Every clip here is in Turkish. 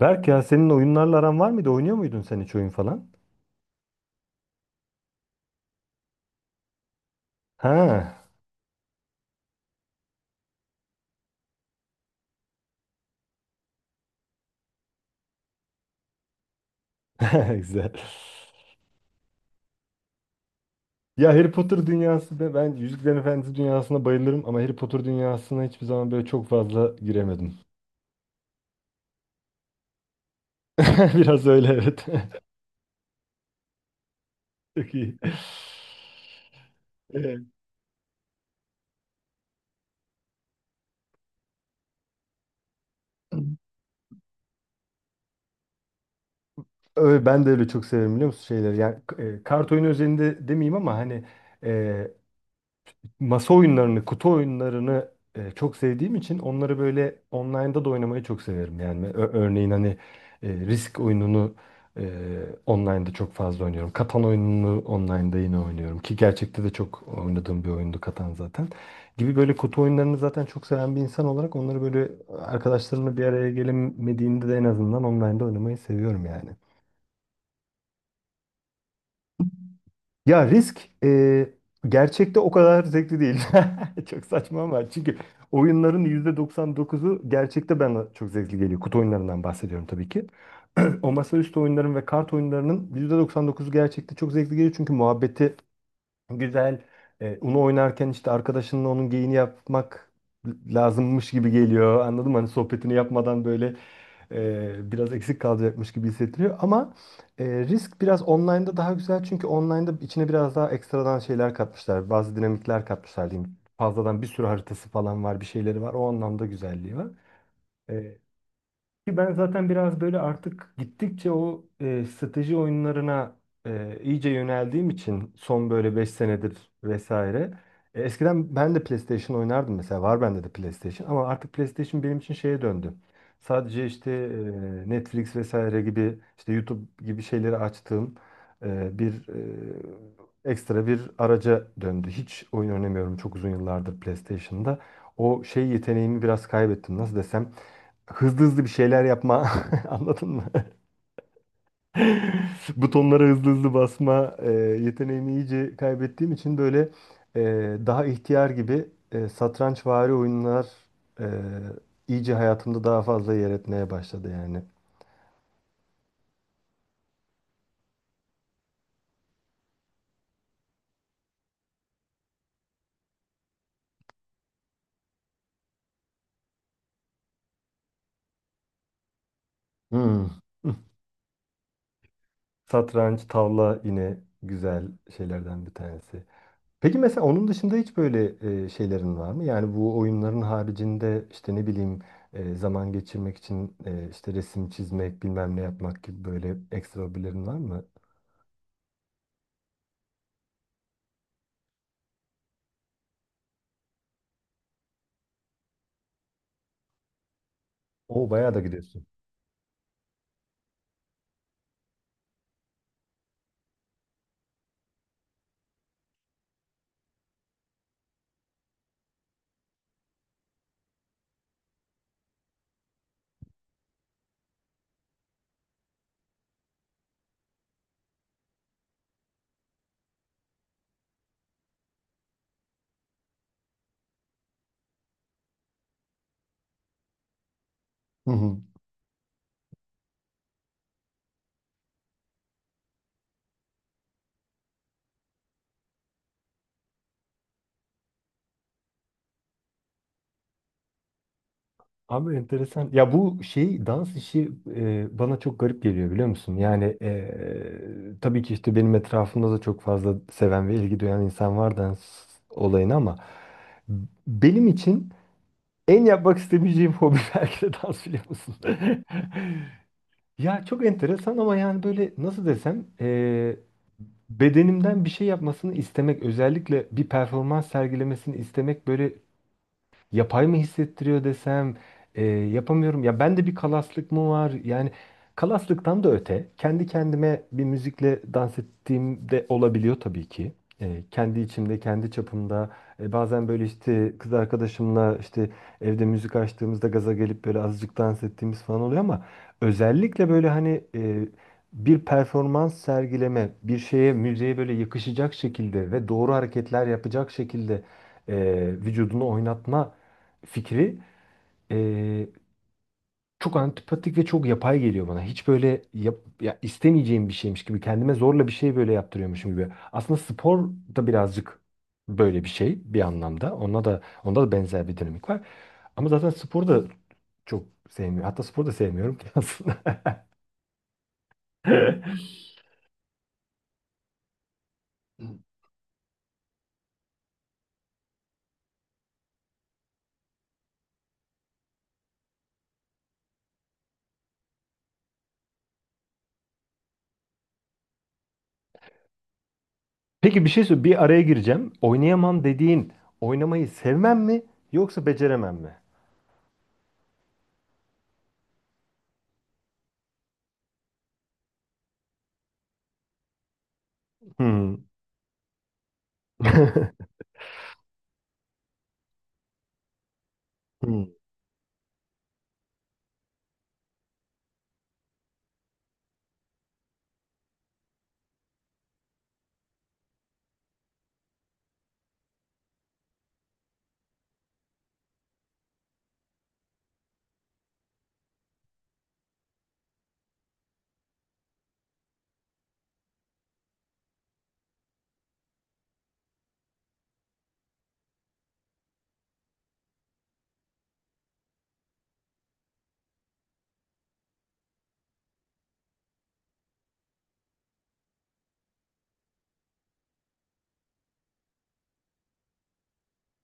Berk ya senin oyunlarla aran var mıydı? Oynuyor muydun sen hiç oyun falan? Ha. Güzel. Ya Harry Potter dünyası da ben Yüzüklerin Efendisi dünyasına bayılırım ama Harry Potter dünyasına hiçbir zaman böyle çok fazla giremedim. Biraz öyle, evet. Çok iyi. Evet. Öyle, ben de öyle çok severim biliyor musun şeyleri. Yani kart oyunu özelinde demeyeyim ama hani e, masa oyunlarını, kutu oyunlarını çok sevdiğim için onları böyle online'da da oynamayı çok severim. Yani örneğin hani Risk oyununu e, online'da çok fazla oynuyorum. Katan oyununu online'da yine oynuyorum ki gerçekte de çok oynadığım bir oyundu Katan zaten. Gibi böyle kutu oyunlarını zaten çok seven bir insan olarak onları böyle arkadaşlarımla bir araya gelemediğimde de en azından online'da oynamayı seviyorum yani. Ya risk gerçekte o kadar zevkli değil. Çok saçma, ama çünkü oyunların %99'u gerçekte bana çok zevkli geliyor. Kutu oyunlarından bahsediyorum tabii ki. O masaüstü oyunların ve kart oyunlarının %99'u gerçekte çok zevkli geliyor. Çünkü muhabbeti. Güzel. Uno oynarken işte arkadaşınla onun geyini yapmak lazımmış gibi geliyor. Anladın mı? Hani sohbetini yapmadan böyle biraz eksik kalacakmış gibi hissettiriyor. Ama risk biraz online'da daha güzel. Çünkü online'da içine biraz daha ekstradan şeyler katmışlar. Bazı dinamikler katmışlar diyeyim. Fazladan bir sürü haritası falan var, bir şeyleri var. O anlamda güzelliği var. E, Ki ben zaten biraz böyle artık gittikçe o strateji oyunlarına iyice yöneldiğim için son böyle 5 senedir vesaire. Eskiden ben de PlayStation oynardım, mesela var bende de PlayStation ama artık PlayStation benim için şeye döndü. Sadece işte Netflix vesaire gibi işte YouTube gibi şeyleri açtığım bir ekstra bir araca döndü. Hiç oyun oynamıyorum çok uzun yıllardır PlayStation'da. O şey yeteneğimi biraz kaybettim, nasıl desem, hızlı hızlı bir şeyler yapma. Anladın mı? Butonlara hızlı hızlı basma yeteneğimi iyice kaybettiğim için böyle e, daha ihtiyar gibi satrançvari oyunlar e, iyice hayatımda daha fazla yer etmeye başladı yani. Hmm. Satranç, tavla yine güzel şeylerden bir tanesi. Peki mesela onun dışında hiç böyle şeylerin var mı? Yani bu oyunların haricinde işte ne bileyim zaman geçirmek için işte resim çizmek, bilmem ne yapmak gibi böyle ekstra hobilerin var mı? O bayağı da gidiyorsun. Hı hı. Abi enteresan. Ya bu şey, dans işi bana çok garip geliyor biliyor musun? Yani tabii ki işte benim etrafımda da çok fazla seven ve ilgi duyan insan var dans olayına, ama benim için en yapmak istemeyeceğim hobi belki de dans, biliyor musun? Ya çok enteresan, ama yani böyle nasıl desem bedenimden bir şey yapmasını istemek, özellikle bir performans sergilemesini istemek, böyle yapay mı hissettiriyor desem, yapamıyorum. Ya bende bir kalaslık mı var? Yani kalaslıktan da öte, kendi kendime bir müzikle dans ettiğim de olabiliyor tabii ki. Kendi içimde, kendi çapımda. Bazen böyle işte kız arkadaşımla işte evde müzik açtığımızda gaza gelip böyle azıcık dans ettiğimiz falan oluyor, ama özellikle böyle hani bir performans sergileme, bir şeye, müziğe böyle yakışacak şekilde ve doğru hareketler yapacak şekilde e, vücudunu oynatma fikri e, çok antipatik ve çok yapay geliyor bana. Hiç böyle ya istemeyeceğim bir şeymiş gibi, kendime zorla bir şey böyle yaptırıyormuşum gibi. Aslında spor da birazcık böyle bir şey bir anlamda. Onda da benzer bir dinamik var. Ama zaten spor da çok sevmiyorum. Hatta spor da sevmiyorum ki aslında. Peki bir şey söyle, bir araya gireceğim. Oynayamam dediğin oynamayı sevmem mi yoksa beceremem mi? Hmm. Hmm.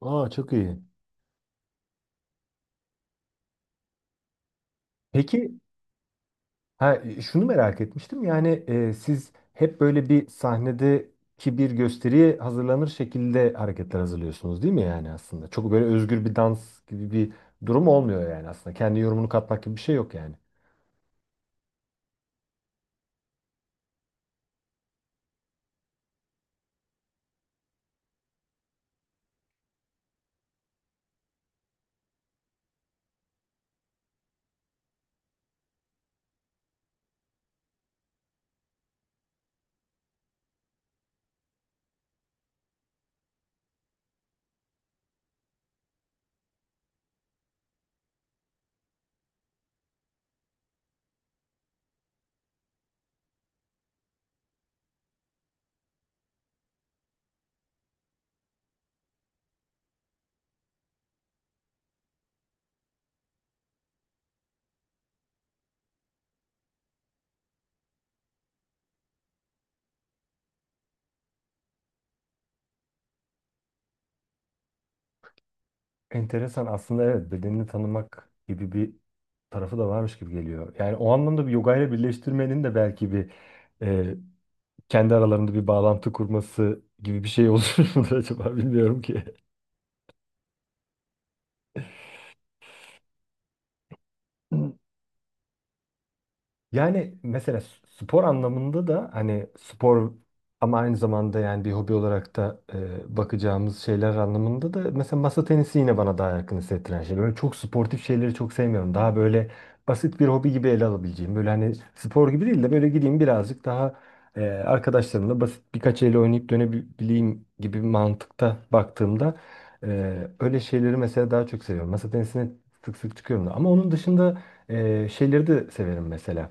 Aa, çok iyi. Peki. Ha, şunu merak etmiştim yani, siz hep böyle bir sahnedeki bir gösteriye hazırlanır şekilde hareketler hazırlıyorsunuz değil mi yani aslında? Çok böyle özgür bir dans gibi bir durum olmuyor yani aslında. Kendi yorumunu katmak gibi bir şey yok yani. Enteresan aslında, evet, bedenini tanımak gibi bir tarafı da varmış gibi geliyor. Yani o anlamda bir yoga ile birleştirmenin de belki bir e, kendi aralarında bir bağlantı kurması gibi bir şey olur mudur acaba, bilmiyorum ki. Yani mesela spor anlamında da hani spor, ama aynı zamanda yani bir hobi olarak da bakacağımız şeyler anlamında da mesela masa tenisi yine bana daha yakın hissettiren şey. Böyle çok sportif şeyleri çok sevmiyorum. Daha böyle basit bir hobi gibi ele alabileceğim. Böyle hani spor gibi değil de böyle gideyim birazcık daha arkadaşlarımla basit birkaç el oynayıp dönebileyim gibi bir mantıkta baktığımda öyle şeyleri mesela daha çok seviyorum. Masa tenisine sık sık çıkıyorum da. Ama onun dışında şeyleri de severim mesela.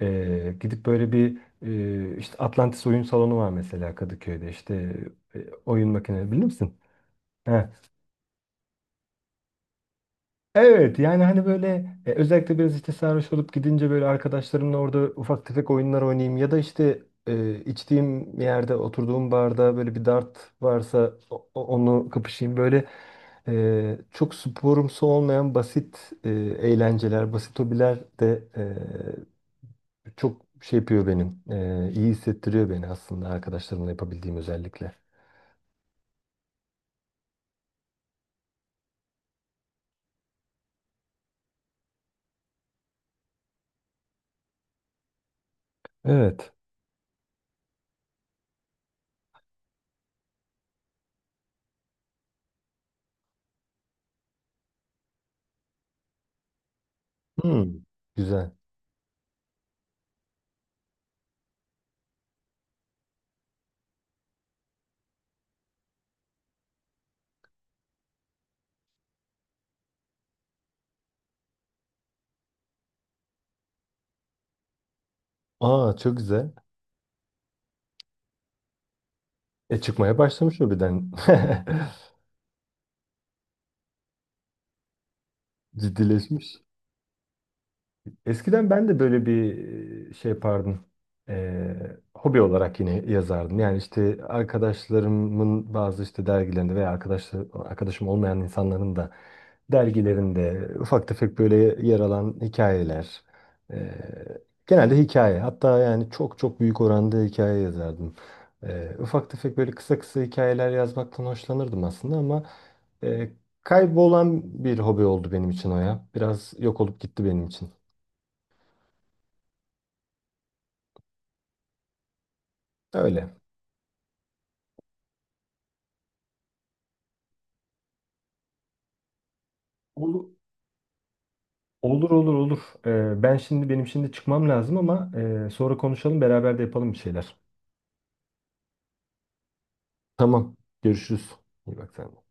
Gidip böyle bir işte Atlantis Oyun Salonu var mesela Kadıköy'de, işte e, oyun makineleri bilir misin? Heh. Evet yani hani böyle özellikle biraz işte sarhoş olup gidince böyle arkadaşlarımla orada ufak tefek oyunlar oynayayım, ya da işte içtiğim yerde, oturduğum barda böyle bir dart varsa onu kapışayım, böyle çok sporumsu olmayan basit eğlenceler, basit hobiler de çok şey yapıyor benim. İyi hissettiriyor beni aslında, arkadaşlarımla yapabildiğim özellikle. Evet. Hmm. Güzel. Aa, çok güzel. E, çıkmaya başlamış o birden. Ciddileşmiş. Eskiden ben de böyle bir şey yapardım. Hobi olarak yine yazardım. Yani işte arkadaşlarımın bazı işte dergilerinde veya arkadaşım olmayan insanların da dergilerinde ufak tefek böyle yer alan hikayeler. Ee, Genelde hikaye. Hatta yani çok çok büyük oranda hikaye yazardım. Ufak tefek böyle kısa kısa hikayeler yazmaktan hoşlanırdım aslında, ama e, kaybolan bir hobi oldu benim için o ya. Biraz yok olup gitti benim için. Öyle. Olur, olur, olur, olur. Benim şimdi çıkmam lazım, ama sonra konuşalım, beraber de yapalım bir şeyler. Tamam. Görüşürüz. İyi bak sen de.